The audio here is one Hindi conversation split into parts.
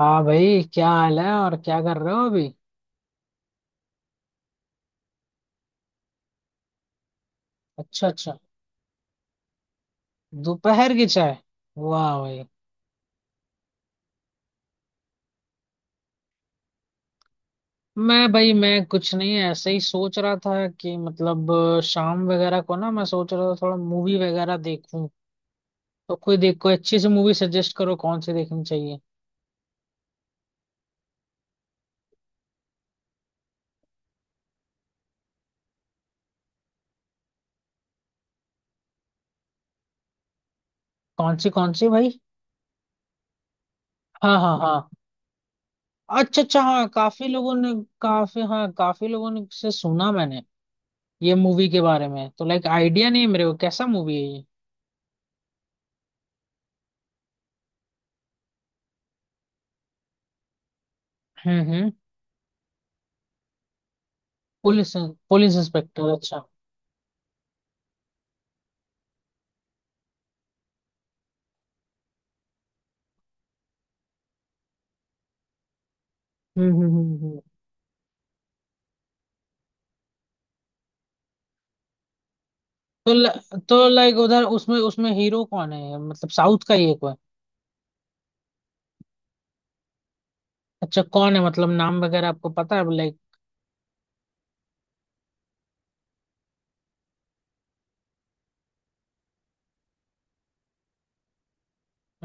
हाँ भाई, क्या हाल है? और क्या कर रहे हो अभी? अच्छा, अच्छा। दोपहर की चाय। वाह भाई। मैं भाई, मैं कुछ नहीं, ऐसे ही सोच रहा था कि मतलब शाम वगैरह को ना मैं सोच रहा था थोड़ा मूवी वगैरह देखूं। तो कोई देख, कोई अच्छी सी मूवी सजेस्ट करो, कौन सी देखनी चाहिए? कौन सी भाई? हाँ हाँ हाँ। अच्छा अच्छा, हाँ काफी लोगों ने। काफी, हाँ काफी लोगों ने से सुना मैंने। ये मूवी के बारे में तो लाइक आइडिया नहीं है मेरे को, कैसा मूवी है ये? हम्म। पुलिस, पुलिस इंस्पेक्टर, अच्छा। हम्म हम्म हम्म हम्म। तो लाइक उधर उसमें उसमें हीरो कौन है? मतलब साउथ का ही एक है कोई? अच्छा, कौन है? मतलब नाम वगैरह आपको पता है लाइक?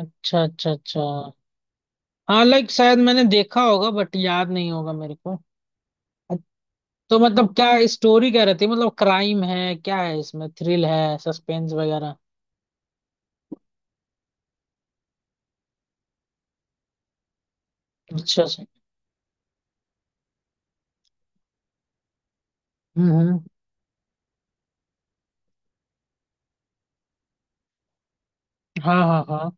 अच्छा अच्छा अच्छा, हाँ लाइक शायद मैंने देखा होगा, बट याद नहीं होगा मेरे को। अच्छ- तो मतलब क्या स्टोरी क्या रहती है? मतलब क्राइम है, क्या है इसमें? थ्रिल है, सस्पेंस वगैरह? अच्छा अच्छा। हम्म। हाँ हाँ हाँ।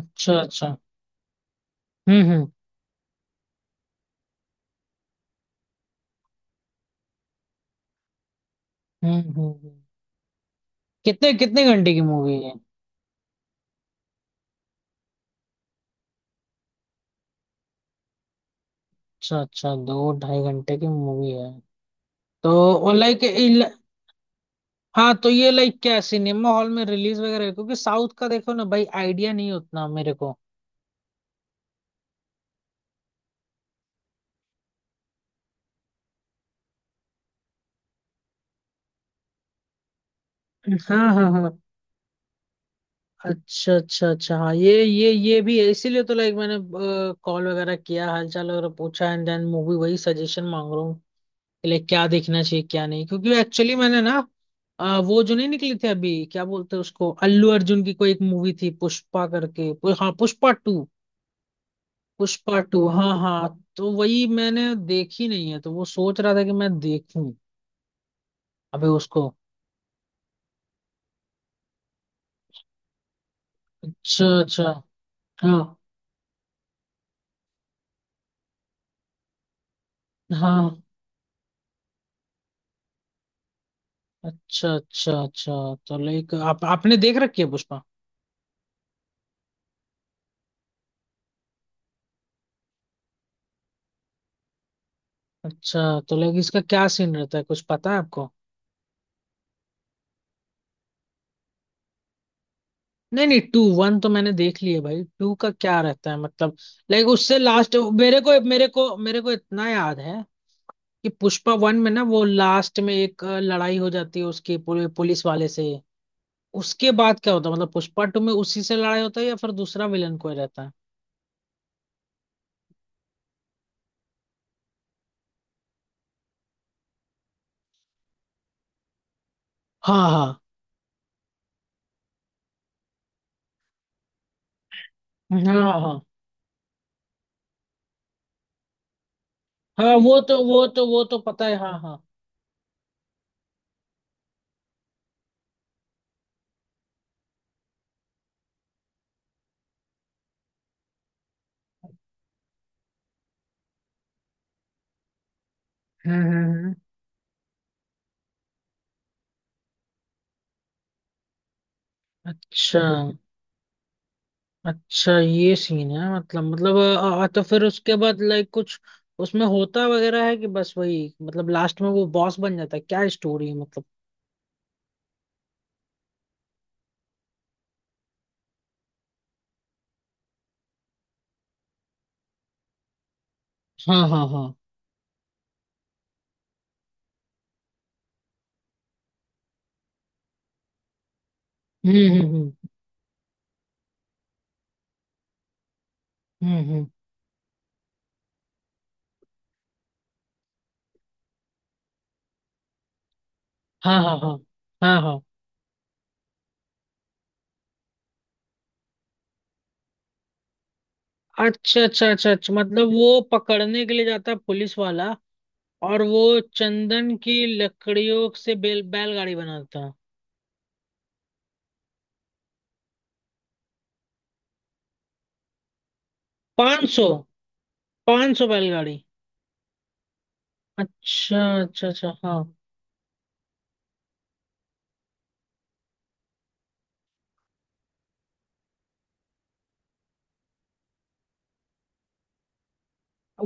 अच्छा अच्छा। हम्म हम्म हम्म हम्म हम्म। कितने कितने घंटे की मूवी है? अच्छा अच्छा, दो ढाई घंटे की मूवी है। तो लाइक। हाँ, तो ये लाइक क्या सिनेमा हॉल में रिलीज वगैरह? क्योंकि साउथ का देखो ना भाई, आइडिया नहीं उतना मेरे को। हाँ हाँ हाँ। अच्छा अच्छा अच्छा, हाँ ये ये भी है, इसीलिए तो लाइक मैंने कॉल वगैरह किया, हालचाल वगैरह पूछा, एंड देन मूवी वही सजेशन मांग रहा हूँ कि लाइक क्या देखना चाहिए क्या नहीं। क्योंकि एक्चुअली मैंने ना वो जो नहीं निकली थी अभी, क्या बोलते हैं उसको, अल्लू अर्जुन की कोई एक मूवी थी, पुष्पा करके, हाँ पुष्पा टू। पुष्पा टू, हाँ हाँ। तो वही मैंने देखी नहीं है, तो वो सोच रहा था कि मैं देखूं अबे उसको। अच्छा अच्छा। हाँ हाँ। अच्छा अच्छा अच्छा। तो लाइक आप, आपने देख रखी है पुष्पा? अच्छा। तो लाइक इसका क्या सीन रहता है, कुछ पता है आपको? नहीं नहीं, टू, वन तो मैंने देख लिया भाई, टू का क्या रहता है मतलब? लाइक उससे लास्ट मेरे को इतना याद है कि पुष्पा वन में ना वो लास्ट में एक लड़ाई हो जाती है उसके पुलिस वाले से। उसके बाद क्या होता है मतलब पुष्पा टू में? उसी से लड़ाई होता है या फिर दूसरा विलन कोई रहता है? हाँ हाँ हाँ। हाँ हाँ वो तो पता है, हाँ हाँ। हम्म हम्म, हम्म। अच्छा अच्छा, ये सीन है मतलब। तो फिर उसके बाद लाइक कुछ उसमें होता वगैरह है कि बस वही मतलब लास्ट में वो बॉस बन जाता है? क्या स्टोरी है मतलब? हाँ हाँ हाँ। हम्म हम्म हम्म हम्म हम्म। हाँ हाँ हाँ हाँ हाँ। अच्छा अच्छा अच्छा अच्छा, मतलब वो पकड़ने के लिए जाता है पुलिस वाला और वो चंदन की लकड़ियों से बेल बैलगाड़ी बनाता? 500, 500 बैलगाड़ी? अच्छा अच्छा अच्छा, हाँ।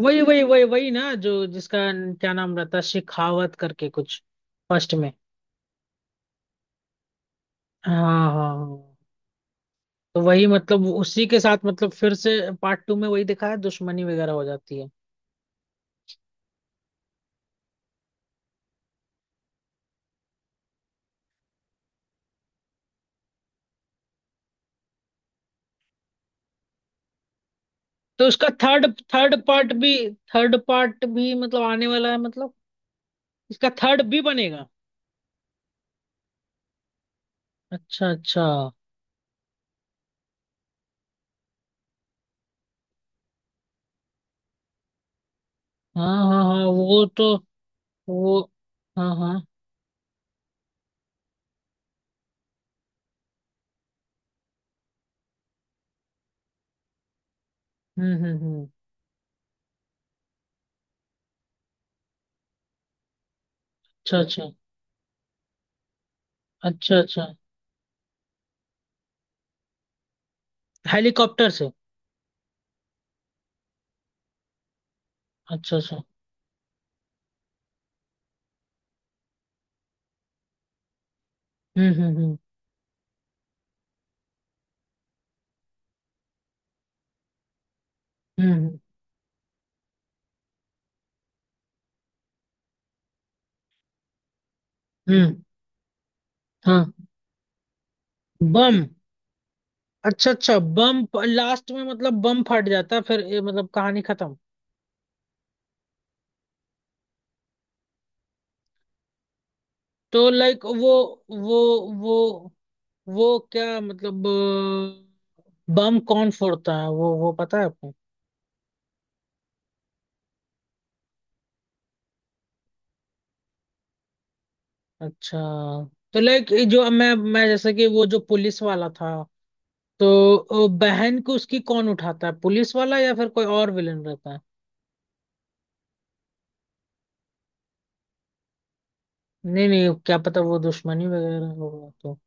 वही वही वही वही ना, जो जिसका क्या नाम रहता है, शेखावत करके कुछ, फर्स्ट में। हाँ हाँ हाँ। तो वही मतलब उसी के साथ मतलब फिर से पार्ट टू में वही दिखा है, दुश्मनी वगैरह हो जाती है? तो उसका थर्ड थर्ड पार्ट भी, मतलब आने वाला है, मतलब इसका थर्ड भी बनेगा? अच्छा अच्छा। हाँ हाँ हाँ वो तो वो। हाँ हाँ। हम्म। अच्छा अच्छा अच्छा। अच्छा, हेलीकॉप्टर से? अच्छा अच्छा। हम्म हम्म हम्म हम्म हम्म हम्म। हाँ, बम। अच्छा अच्छा, बम लास्ट में, मतलब बम फट जाता है, फिर ये मतलब कहानी खत्म? तो लाइक वो वो वो क्या मतलब बम कौन फोड़ता है वो पता है आपको? अच्छा। तो लाइक जो मैं जैसे कि वो जो पुलिस वाला था, तो बहन को उसकी कौन उठाता है, पुलिस वाला या फिर कोई और विलन रहता है? नहीं नहीं, क्या पता, वो दुश्मनी वगैरह होगा तो।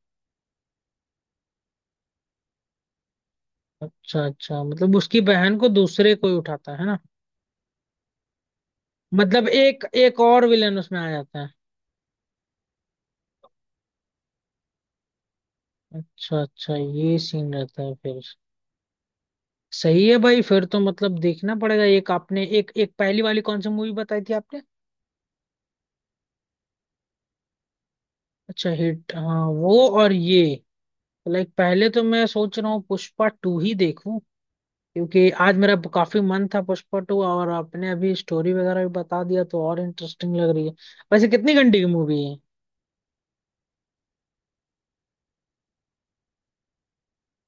अच्छा अच्छा, मतलब उसकी बहन को दूसरे कोई उठाता है ना? मतलब एक एक और विलन उसमें आ जाता है? अच्छा अच्छा, ये सीन रहता है फिर। सही है भाई, फिर तो मतलब देखना पड़ेगा। एक आपने एक एक पहली वाली कौन सी मूवी बताई थी आपने? अच्छा हिट, हाँ वो। और ये लाइक पहले तो मैं सोच रहा हूँ पुष्पा टू ही देखूं, क्योंकि आज मेरा काफी मन था पुष्पा टू, और आपने अभी स्टोरी वगैरह भी बता दिया, तो और इंटरेस्टिंग लग रही है। वैसे कितनी घंटे की मूवी है?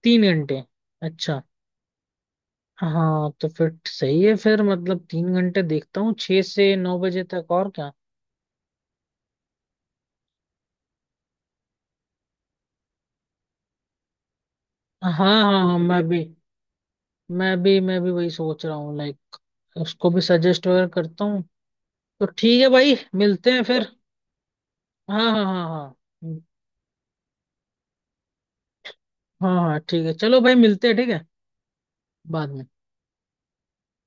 3 घंटे? अच्छा। हाँ तो फिर सही है, फिर मतलब 3 घंटे देखता हूँ, 6 से 9 बजे तक, और क्या। हाँ हाँ हाँ। मैं भी वही सोच रहा हूँ लाइक, उसको भी सजेस्ट वगैरह करता हूँ। तो ठीक है भाई, मिलते हैं फिर। हाँ हाँ हाँ। हाँ हाँ हाँ ठीक है, चलो भाई मिलते हैं, ठीक है, बाद में।